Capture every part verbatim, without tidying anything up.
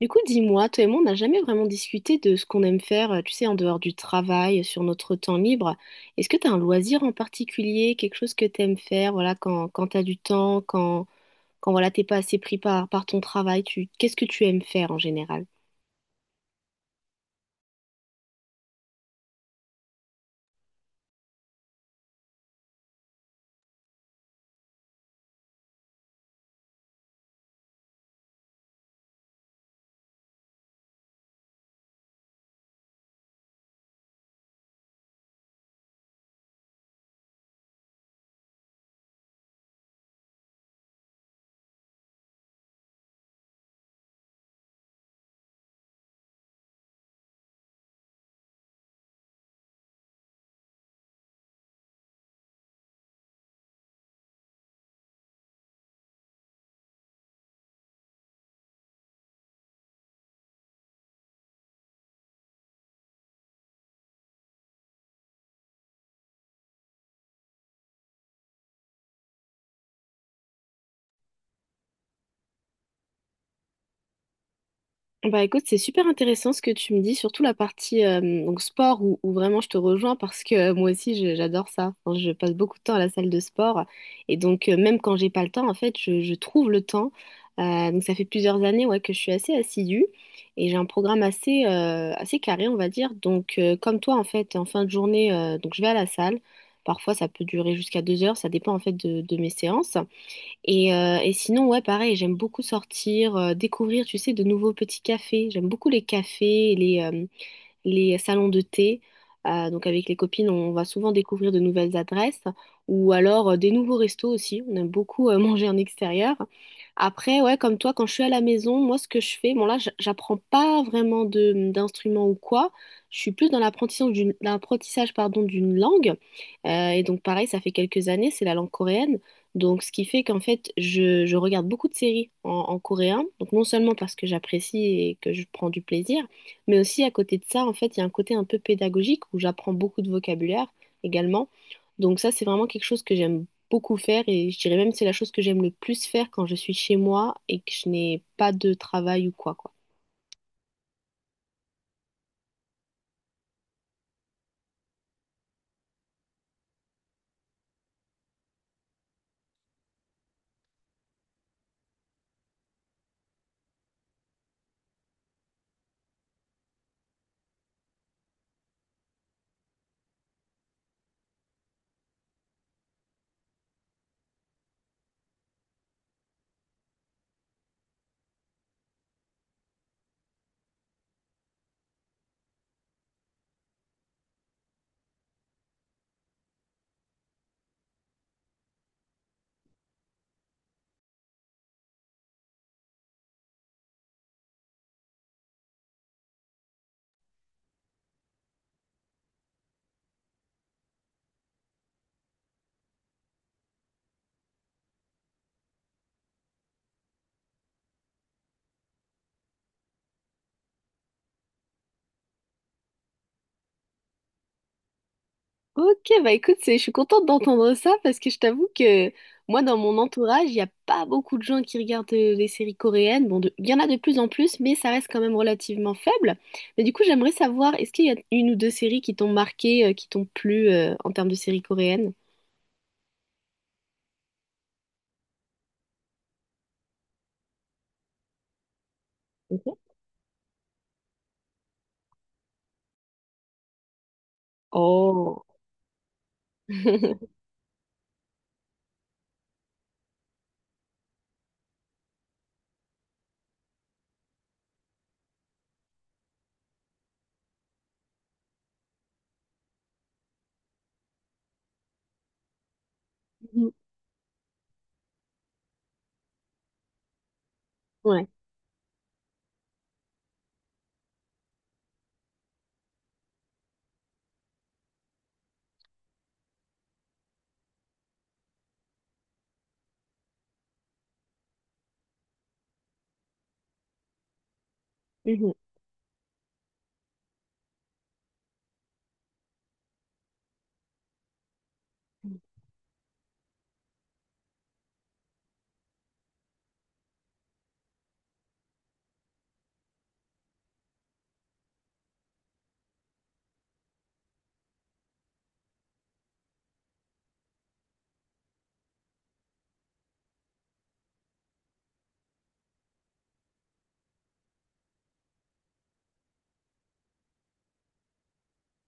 Du coup, dis-moi, toi et moi, on n'a jamais vraiment discuté de ce qu'on aime faire, euh, tu sais, en dehors du travail, sur notre temps libre. Est-ce que tu as un loisir en particulier, quelque chose que tu aimes faire, voilà, quand, quand tu as du temps, quand, quand voilà, t'es pas assez pris par, par ton travail, tu, qu'est-ce que tu aimes faire en général? Bah écoute, c'est super intéressant ce que tu me dis, surtout la partie euh, donc sport où, où vraiment je te rejoins parce que euh, moi aussi je- j'adore ça. Enfin, je passe beaucoup de temps à la salle de sport et donc euh, même quand j'ai pas le temps, en fait, je, je trouve le temps. Euh, donc ça fait plusieurs années ouais, que je suis assez assidue et j'ai un programme assez, euh, assez carré, on va dire. Donc euh, comme toi, en fait, en fin de journée, euh, donc je vais à la salle. Parfois ça peut durer jusqu'à deux heures, ça dépend en fait de de mes séances. Et, euh, et sinon, ouais, pareil, j'aime beaucoup sortir, euh, découvrir, tu sais, de nouveaux petits cafés. J'aime beaucoup les cafés, les, euh, les salons de thé. Euh, donc avec les copines, on va souvent découvrir de nouvelles adresses ou alors euh, des nouveaux restos aussi. On aime beaucoup euh, manger en extérieur. Après, ouais, comme toi, quand je suis à la maison, moi, ce que je fais, bon là, j- j'apprends pas vraiment de d'instruments ou quoi. Je suis plus dans l'apprentissage d'une l'apprentissage, pardon, d'une langue. Euh, et donc pareil, ça fait quelques années, c'est la langue coréenne. Donc, ce qui fait qu'en fait, je, je regarde beaucoup de séries en, en coréen. Donc, non seulement parce que j'apprécie et que je prends du plaisir, mais aussi, à côté de ça, en fait, il y a un côté un peu pédagogique où j'apprends beaucoup de vocabulaire également. Donc ça, c'est vraiment quelque chose que j'aime beaucoup faire et je dirais même que c'est la chose que j'aime le plus faire quand je suis chez moi et que je n'ai pas de travail ou quoi, quoi. Ok, bah écoute, c'est- je suis contente d'entendre ça parce que je t'avoue que moi, dans mon entourage, il n'y a pas beaucoup de gens qui regardent euh, les séries coréennes. Bon, de- il y en a de plus en plus, mais ça reste quand même relativement faible. Mais du coup, j'aimerais savoir, est-ce qu'il y a une ou deux séries qui t'ont marqué, euh, qui t'ont plu, euh, en termes de séries coréennes? Mhm. Oh. Mhm. Ouais. Mhm.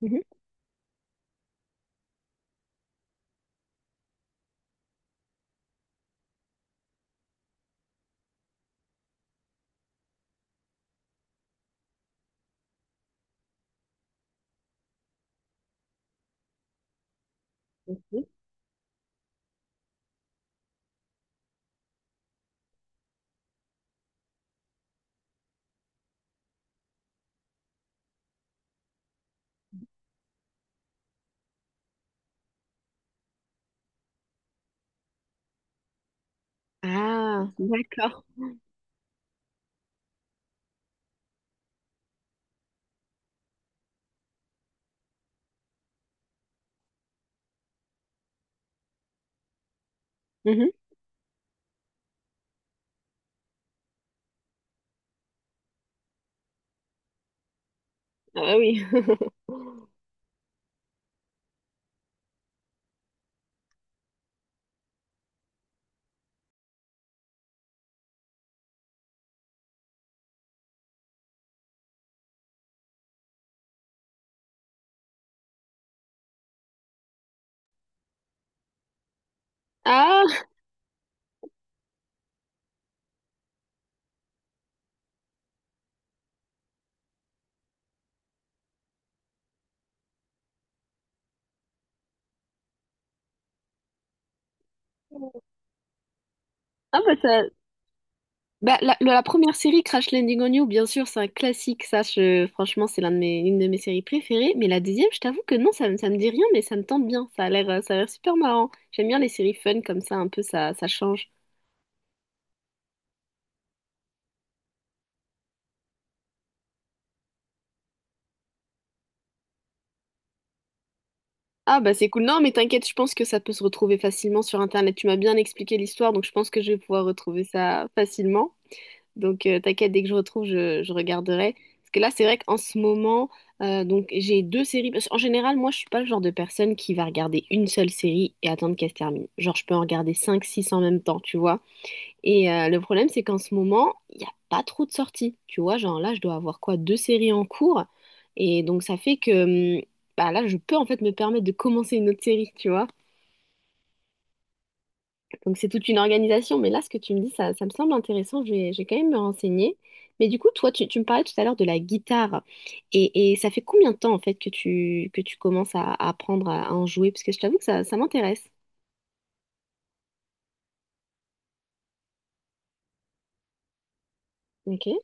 Mhm. Mhm. Ah, d'accord. Mhm. Ah bah oui. Ah, ah bah ça... Bah, la, la première série Crash Landing on You, bien sûr, c'est un classique, ça, je- franchement, c'est l'un de mes, une de mes séries préférées. Mais la deuxième, je t'avoue que non, ça, me- ça me dit rien, mais ça me tente bien. Ça a l'air, euh, ça a l'air super marrant. J'aime bien les séries fun comme ça, un peu, ça, ça change. Ah bah c'est cool. Non, mais t'inquiète, je pense que ça peut se retrouver facilement sur Internet. Tu m'as bien expliqué l'histoire, donc je pense que je vais pouvoir retrouver ça facilement. Donc, euh, t'inquiète, dès que je retrouve, je, je regarderai. Parce que là, c'est vrai qu'en ce moment, euh, donc j'ai deux séries. Parce qu'en général, moi, je suis pas le genre de personne qui va regarder une seule série et attendre qu'elle se termine. Genre, je peux en regarder cinq, six en même temps, tu vois. Et euh, le problème, c'est qu'en ce moment, il n'y a pas trop de sorties. Tu vois, genre là, je dois avoir quoi? Deux séries en cours. Et donc, ça fait que hum, bah, là, je peux en fait me permettre de commencer une autre série, tu vois. Donc c'est toute une organisation. Mais là, ce que tu me dis, ça, ça me semble intéressant. Je vais, je vais quand même me renseigner. Mais du coup, toi, tu, tu me parlais tout à l'heure de la guitare. Et, et ça fait combien de temps, en fait, que tu, que tu commences à, à apprendre à, à en jouer? Parce que je t'avoue que ça, ça m'intéresse. Ok.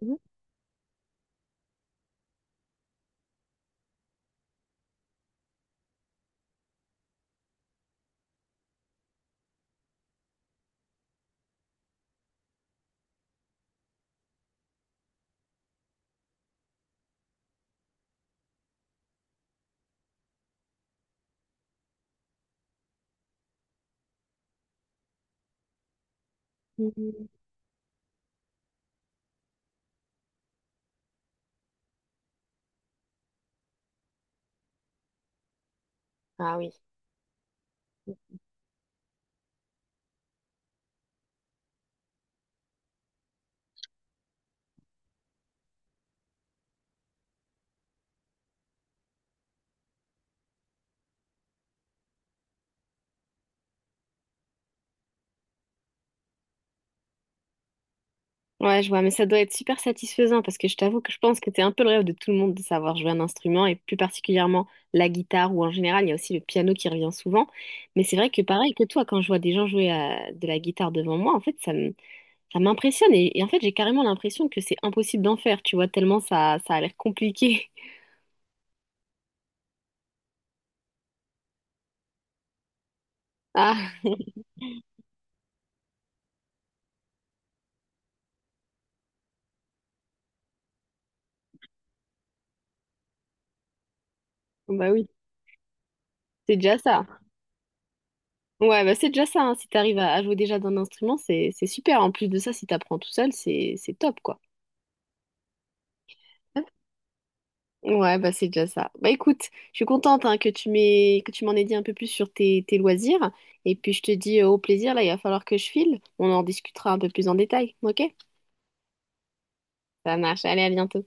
Mhm. Mhm. Ah oui. Ouais, je vois, mais ça doit être super satisfaisant parce que je t'avoue que je pense que c'est un peu le rêve de tout le monde de savoir jouer un instrument et plus particulièrement la guitare ou en général, il y a aussi le piano qui revient souvent. Mais c'est vrai que pareil que toi, quand je vois des gens jouer à- de la guitare devant moi, en fait, ça me, ça m'impressionne et, et en fait j'ai carrément l'impression que c'est impossible d'en faire, tu vois, tellement ça, ça a l'air compliqué. Ah, bah oui, c'est déjà ça. Ouais, bah c'est déjà ça, hein, si t'arrives à, à jouer déjà d'un instrument, c'est c'est super. En plus de ça, si t'apprends tout seul, c'est c'est top, quoi. Ouais, bah c'est déjà ça. Bah écoute, je suis contente hein, que tu m'aies que tu m'en aies dit un peu plus sur tes, tes loisirs. Et puis je te dis euh, au plaisir, là, il va falloir que je file. On en discutera un peu plus en détail, ok? Ça marche, allez, à bientôt.